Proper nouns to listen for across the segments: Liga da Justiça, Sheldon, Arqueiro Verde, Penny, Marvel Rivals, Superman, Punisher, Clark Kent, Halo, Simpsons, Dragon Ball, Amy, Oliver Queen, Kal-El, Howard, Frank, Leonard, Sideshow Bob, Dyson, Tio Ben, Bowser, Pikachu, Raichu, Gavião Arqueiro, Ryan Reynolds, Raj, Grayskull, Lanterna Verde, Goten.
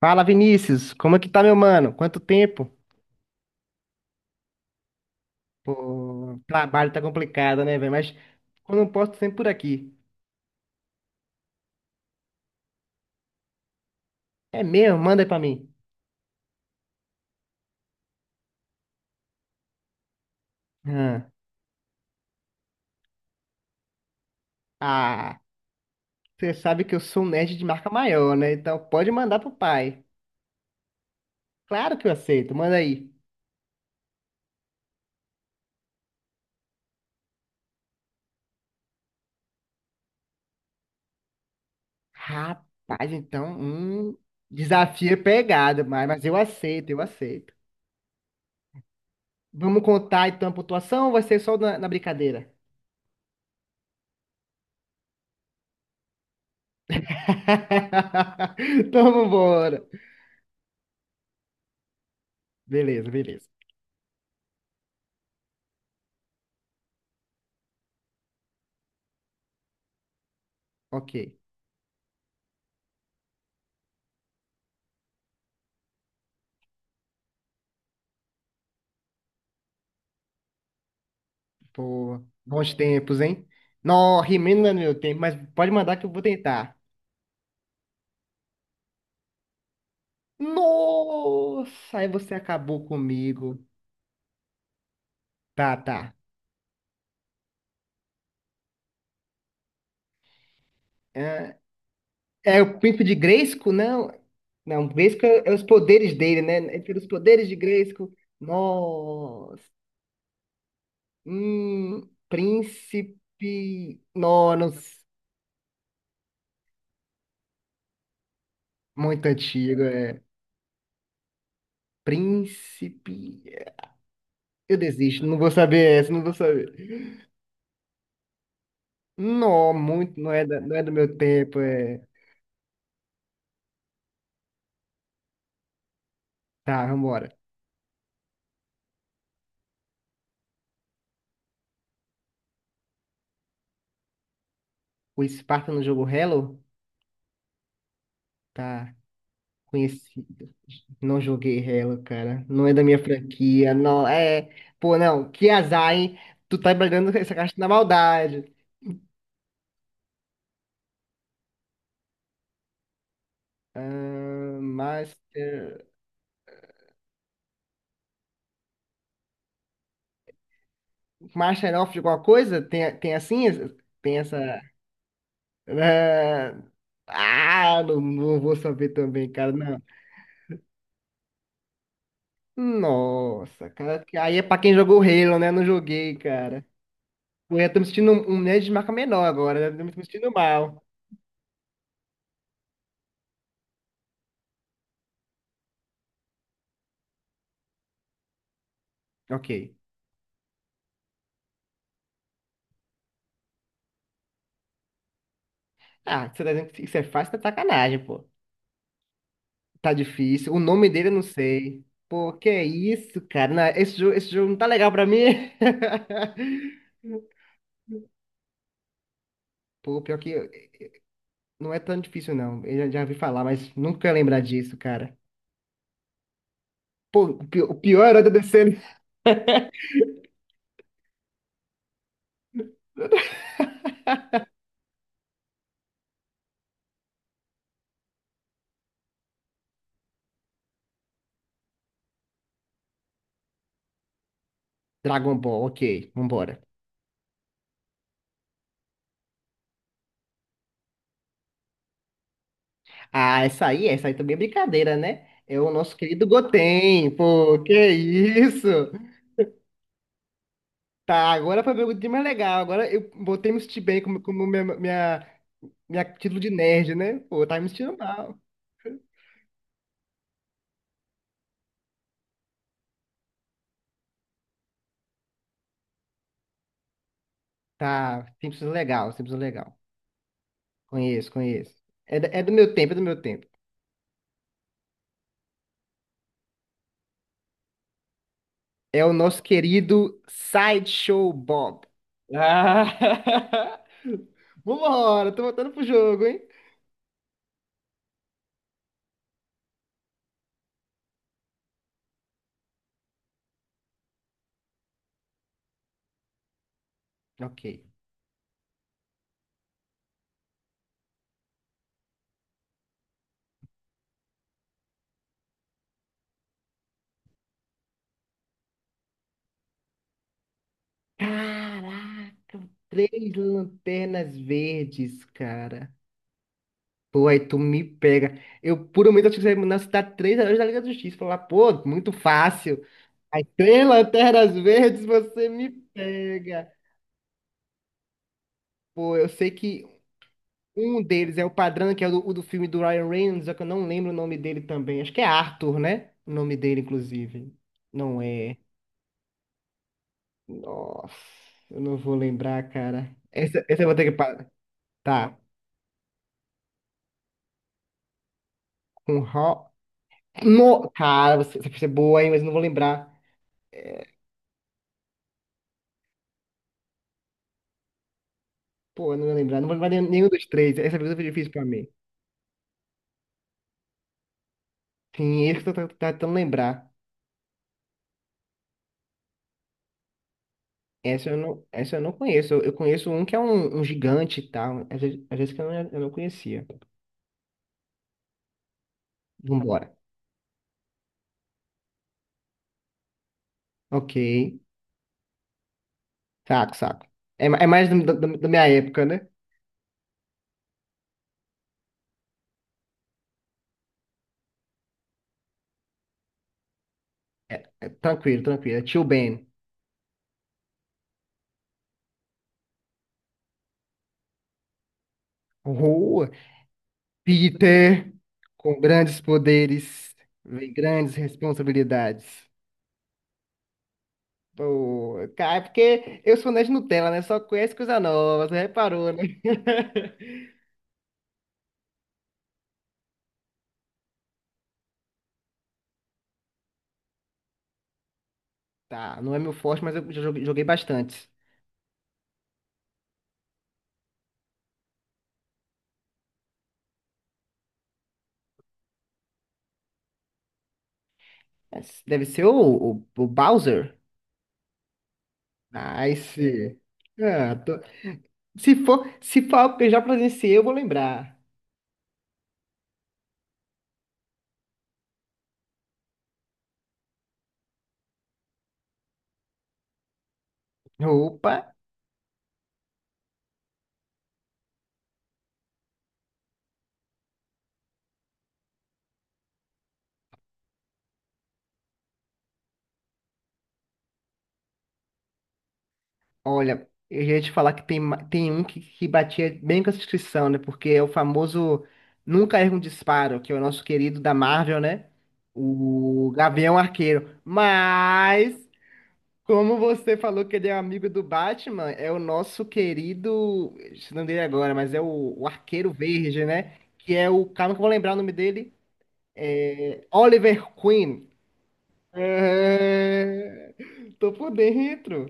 Fala, Vinícius, como é que tá, meu mano? Quanto tempo? Pô, o trabalho tá complicado, né, velho? Mas quando eu posto sempre por aqui. É mesmo? Manda aí pra mim. Hã. Ah, você sabe que eu sou um nerd de marca maior, né? Então pode mandar pro pai. Claro que eu aceito, manda aí. Rapaz, então, desafio é pegado, mas eu aceito, eu aceito. Vamos contar então a pontuação ou vai ser só na brincadeira? Então vambora. Beleza, beleza. Ok. Pô, bons tempos, hein? Não, He-Man não é no meu tempo, mas pode mandar que eu vou tentar. Nossa, aí você acabou comigo. Tá, tá. É, é o príncipe de Grayskull? Não. Não, Grayskull é os poderes dele, né? É pelos poderes de Grayskull. Nossa. Príncipe. Não, não Muito antigo, é. Príncipe. Eu desisto, não vou saber essa, não vou saber. Não, muito, não é, não é do meu tempo, Tá, vambora. O Sparta no jogo Halo? Tá, conhecido. Não joguei Halo, cara. Não é da minha franquia, não, Pô, não, que azar, hein? Tu tá brigando essa caixa na maldade. Ah, mas, Master of alguma coisa? Tem assim? Tem essa... Ah, ah, não, não vou saber também, cara, não. Nossa, cara, aí é pra quem jogou Halo, né? Não joguei, cara. Eu já tô me sentindo um nerd de marca menor agora, já tô me sentindo mal. Ok. Ah, você tá dizendo que isso é fácil, tá de sacanagem, pô. Tá difícil. O nome dele eu não sei. Pô, que é isso, cara? Não, esse jogo não tá legal pra mim. Pô, pior que não é tão difícil, não. Eu já ouvi falar, mas nunca ia lembrar disso, cara. Pô, o pior era da DC. Dragon Ball, ok, vambora. Ah, essa aí também é brincadeira, né? É o nosso querido Goten, pô, que é isso? Tá, agora foi bem mais legal. Agora eu botei me sentir bem como minha título de nerd, né? Pô, tá me sentindo mal. Tá, Simpsons legal, Simpsons legal. Conheço, conheço. É, é do meu tempo, é do meu tempo. É o nosso querido Sideshow Bob. Ah. Vambora, tô voltando pro jogo, hein? Ok. Caraca, três lanternas verdes, cara. Pô, aí tu me pega. Eu, por um momento, acho que você me citar três heróis da Liga da Justiça. Falar, pô, muito fácil. Aí, três lanternas verdes, você me pega. Pô, eu sei que um deles é o Padrão, que é o do filme do Ryan Reynolds, só que eu não lembro o nome dele também. Acho que é Arthur, né? O nome dele, inclusive. Não é. Nossa, eu não vou lembrar, cara. Essa eu vou ter que. Tá. Com Ro... No... Cara, você, essa pista é boa, hein, mas eu não vou lembrar. É, pô, eu não vou lembrar. Não vou lembrar nenhum dos três. Essa pergunta foi difícil pra mim. Sim, esse que eu tô tentando lembrar. Essa eu não conheço. Eu conheço um que é um gigante e tal. Às vezes que eu não conhecia. Vambora. Ok. Saco, saco. É, é mais da minha época, né? É, tranquilo, tranquilo. É Tio Ben. Rua. Peter, com grandes poderes, vem grandes responsabilidades. Pô, cara, é porque eu sou nerd Nutella, né? Só conheço coisa nova, você reparou, né? Tá, não é meu forte, mas eu já joguei bastante. Mas deve ser o Bowser? Nice. Ah. Se for algo que eu já presenciei, eu vou lembrar. Opa, olha, eu já ia te falar que tem, tem um que batia bem com essa descrição, né? Porque é o famoso Nunca Erra um Disparo, que é o nosso querido da Marvel, né? O Gavião Arqueiro. Mas como você falou que ele é amigo do Batman, é o nosso querido, esqueci o nome dele agora, mas é o Arqueiro Verde, né? Que é o, calma que eu vou lembrar o nome dele, Oliver Queen. É... Tô por dentro.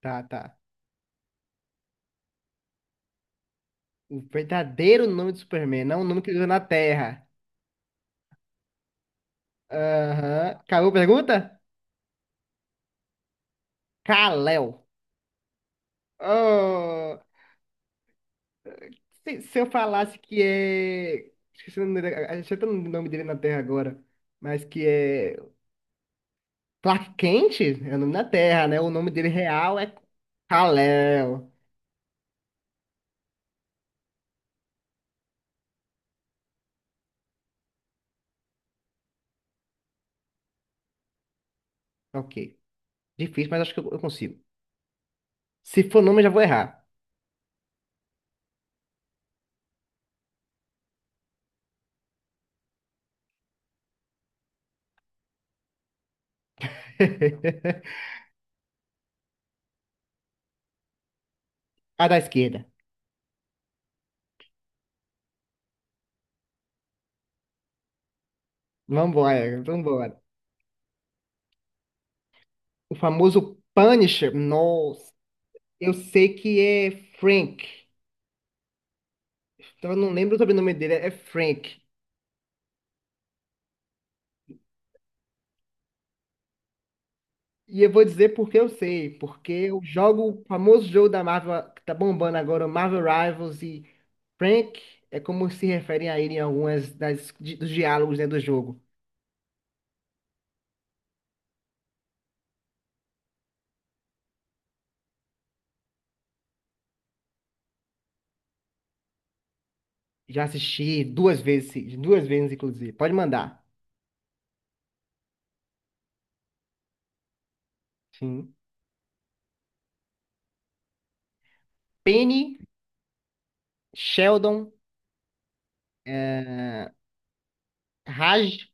Tá, tá. O verdadeiro nome do Superman, não o nome que ele usa na Terra. Aham. Acabou a pergunta? Kal-El. Oh, se eu falasse que é. Esqueci o nome dele, achei até o nome dele na Terra agora. Mas que é. Clark Kent é o nome da Terra, né? O nome dele real é Kal-El. Ok. Difícil, mas acho que eu consigo. Se for nome, eu já vou errar. A da esquerda. Vambora, vambora. O famoso Punisher. Nossa. Eu sei que é Frank. Então eu não lembro o sobrenome dele. É Frank. E eu vou dizer porque eu sei. Porque eu jogo o famoso jogo da Marvel que tá bombando agora, o Marvel Rivals. E Frank é como se referem a ele em algumas das, dos diálogos, né, do jogo. Já assisti duas vezes, sim, duas vezes, inclusive. Pode mandar. Sim. Penny, Sheldon, eh, Raj,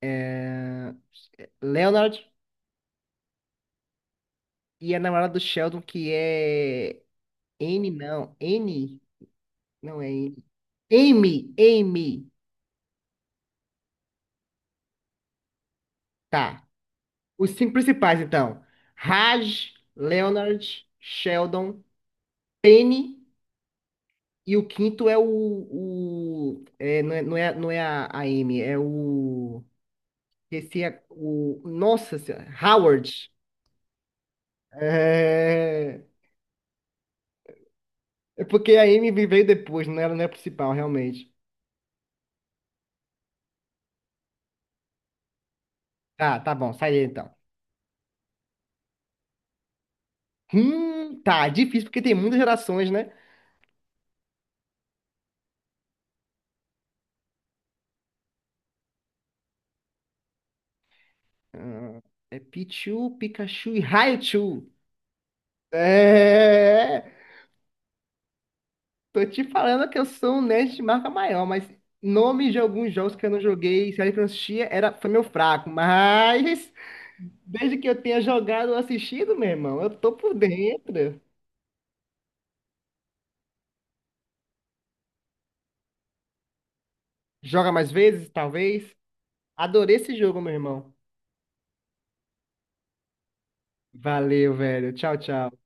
eh, Leonard e a namorada do Sheldon, que é N, não. N, não é N. Amy, Amy. Tá. Os cinco principais, então. Raj, Leonard, Sheldon, Penny. E o quinto é o. É, não é a Amy, é o. Esqueci o. Nossa senhora, Howard. É... É porque a Amy veio depois, não era, não é a principal, realmente. Tá, tá bom, sai aí então. Tá, é difícil porque tem muitas gerações, né? Ah, é Pichu, Pikachu e Raichu. É, tô te falando que eu sou um nerd de marca maior, mas nome de alguns jogos que eu não joguei, série que eu não assistia, foi meu fraco. Mas desde que eu tenha jogado ou assistido, meu irmão, eu tô por dentro. Joga mais vezes, talvez? Adorei esse jogo, meu irmão. Valeu, velho. Tchau, tchau.